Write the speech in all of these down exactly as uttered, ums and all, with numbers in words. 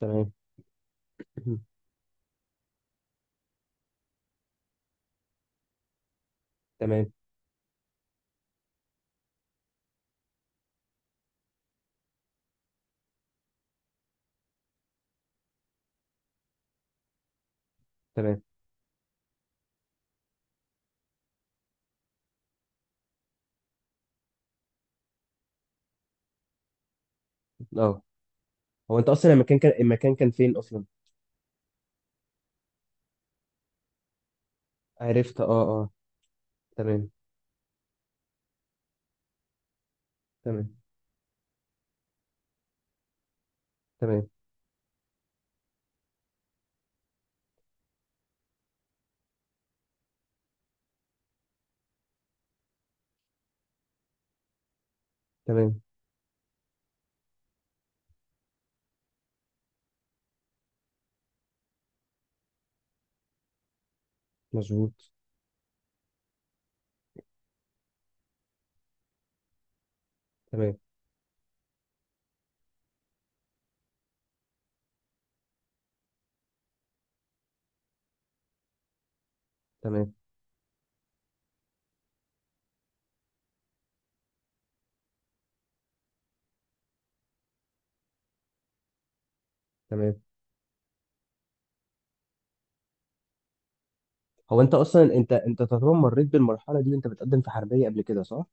تمام. تمام، تمام. اه هو انت اصلا المكان كان المكان كان فين اصلا؟ عرفت، اه اه. تمام، تمام، تمام. تمام، مظبوط. تمام، تمام، تمام. هو انت اصلا انت انت تقريبا مريت بالمرحله دي وانت بتقدم في حربيه قبل كده، صح؟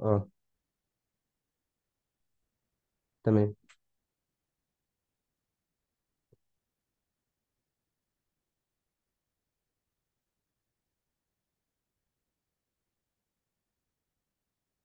اه، تمام.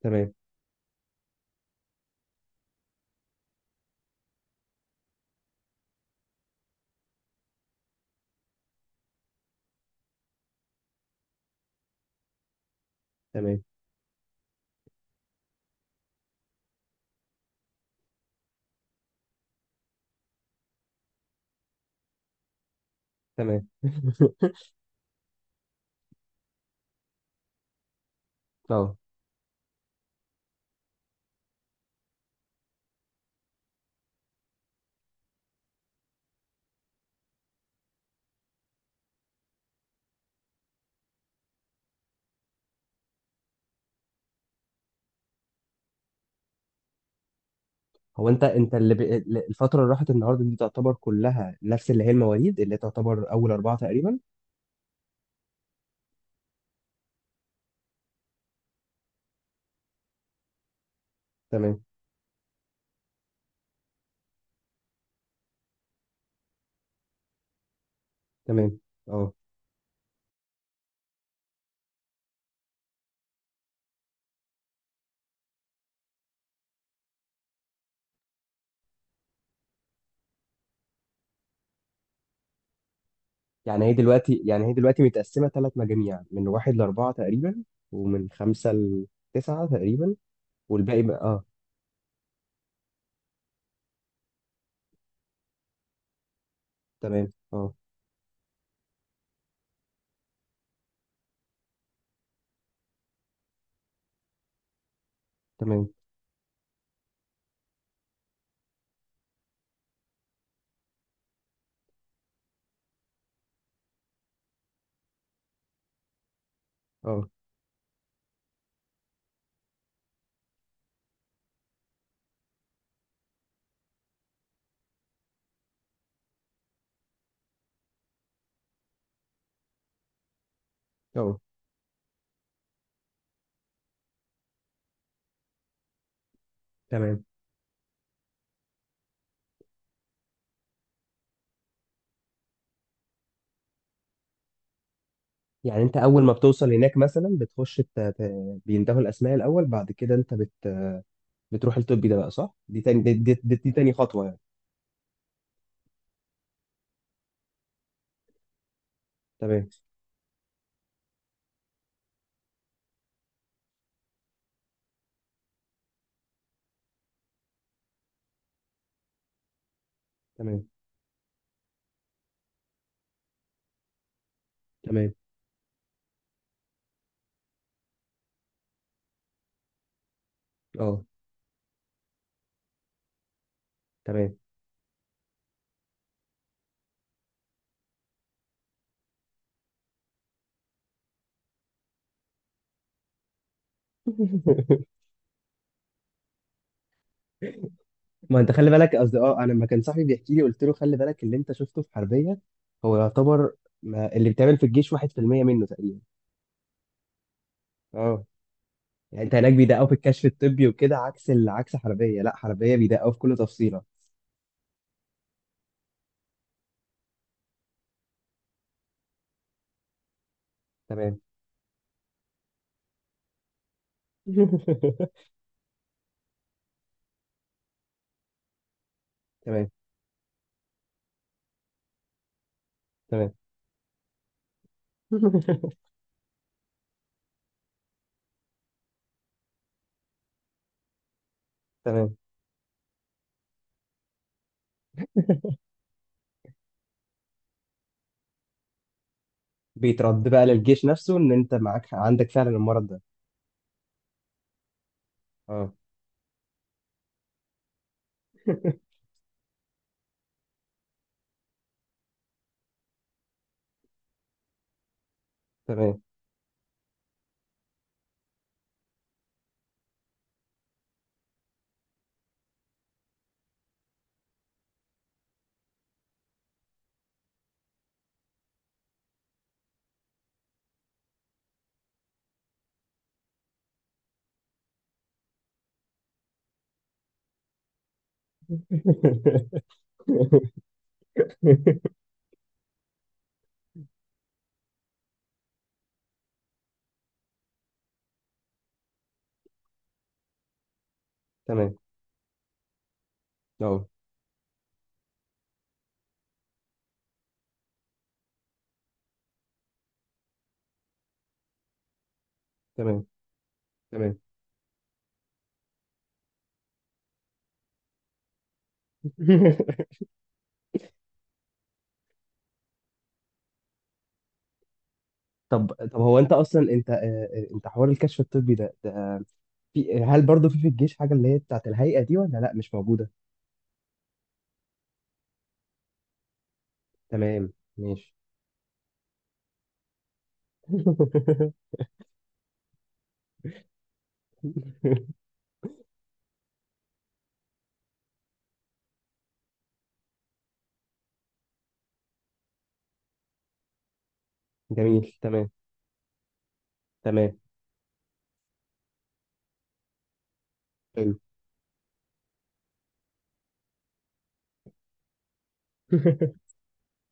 تمام، تمام، تمام. اه. هو انت انت اللي ب... الفتره اللي راحت النهارده دي تعتبر كلها نفس اللي هي المواليد اللي تعتبر اول اربعه تقريبا. تمام، تمام. اه. يعني هي دلوقتي يعني هي دلوقتي متقسمة ثلاث مجاميع من واحد لأربعة تقريبا، ومن خمسة لتسعة تقريبا، والباقي بقى. اه، تمام. اه، تمام. اه اه، تمام. يعني انت اول ما بتوصل هناك مثلا بتخش ت... ت- بيندهوا الاسماء الاول، بعد كده انت بت... بتروح الطبي ده بقى، صح؟ دي تاني، دي, دي, دي, دي تاني خطوة يعني. تمام، تمام، تمام. اه، تمام. ما انت خلي بالك، قصدي اه، انا لما كان صاحبي بيحكي لي قلت له خلي بالك، اللي انت شفته في حربيه هو يعتبر ما اللي بيتعمل في الجيش واحد في المية منه تقريبا. اه. يعني انت هناك بيدققوا في الكشف الطبي وكده، عكس ال... عكس حربيه. لا، حربيه بيدققوا في كل تفصيله. تمام. تمام، تمام. تمام. بيترد بقى للجيش نفسه ان انت معاك عندك فعلا المرض ده؟ اه. تمام. تمام، اه. تمام، تمام. طب طب هو انت اصلا انت، آه، آه، انت حوار الكشف الطبي ده, ده في، هل برضه في في الجيش حاجه اللي هي بتاعت الهيئه دي، ولا لا مش موجوده؟ تمام، ماشي. جميل، تمام، تمام، حلو.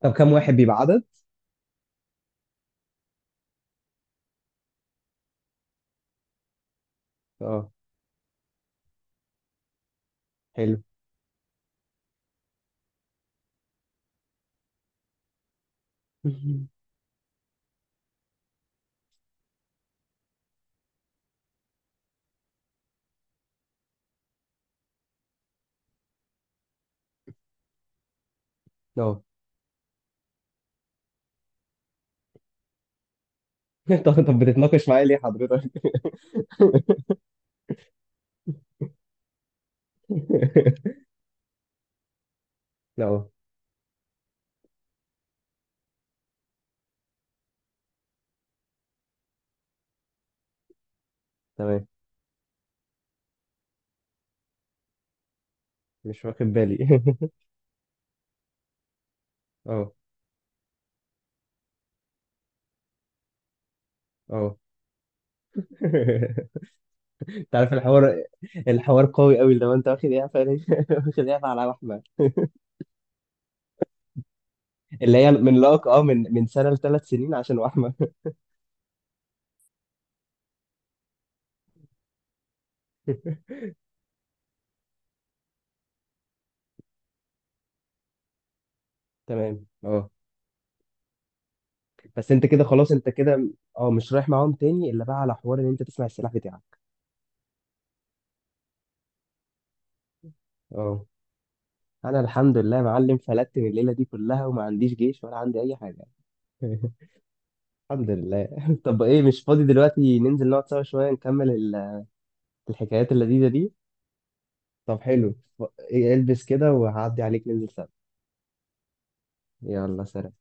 طب كم واحد بيبقى عدد؟ اه، حلو. اه. طب، طب بتتناقش معايا ليه حضرتك؟ اه، تمام. مش واخد بالي. اه، اه. انت عارف الحوار، الحوار قوي قوي، لو انت واخد ايه على- واخد ايه على احمد؟ اللي هي من لك اه، من من سنه لثلاث سنين عشان وحمه. تمام، اه. بس انت كده خلاص، انت كده اه مش رايح معاهم تاني الا بقى على حوار ان انت تسمع السلاح بتاعك. اه. انا الحمد لله يا معلم، فلت من الليله دي كلها وما عنديش جيش ولا عندي اي حاجه. الحمد لله. طب ايه، مش فاضي دلوقتي ننزل نقعد سوا شويه نكمل ال- الحكايات اللذيذه دي؟ طب حلو، ف- إيه، إيه، البس كده وهعدي عليك ننزل سوا. يلا، سلام.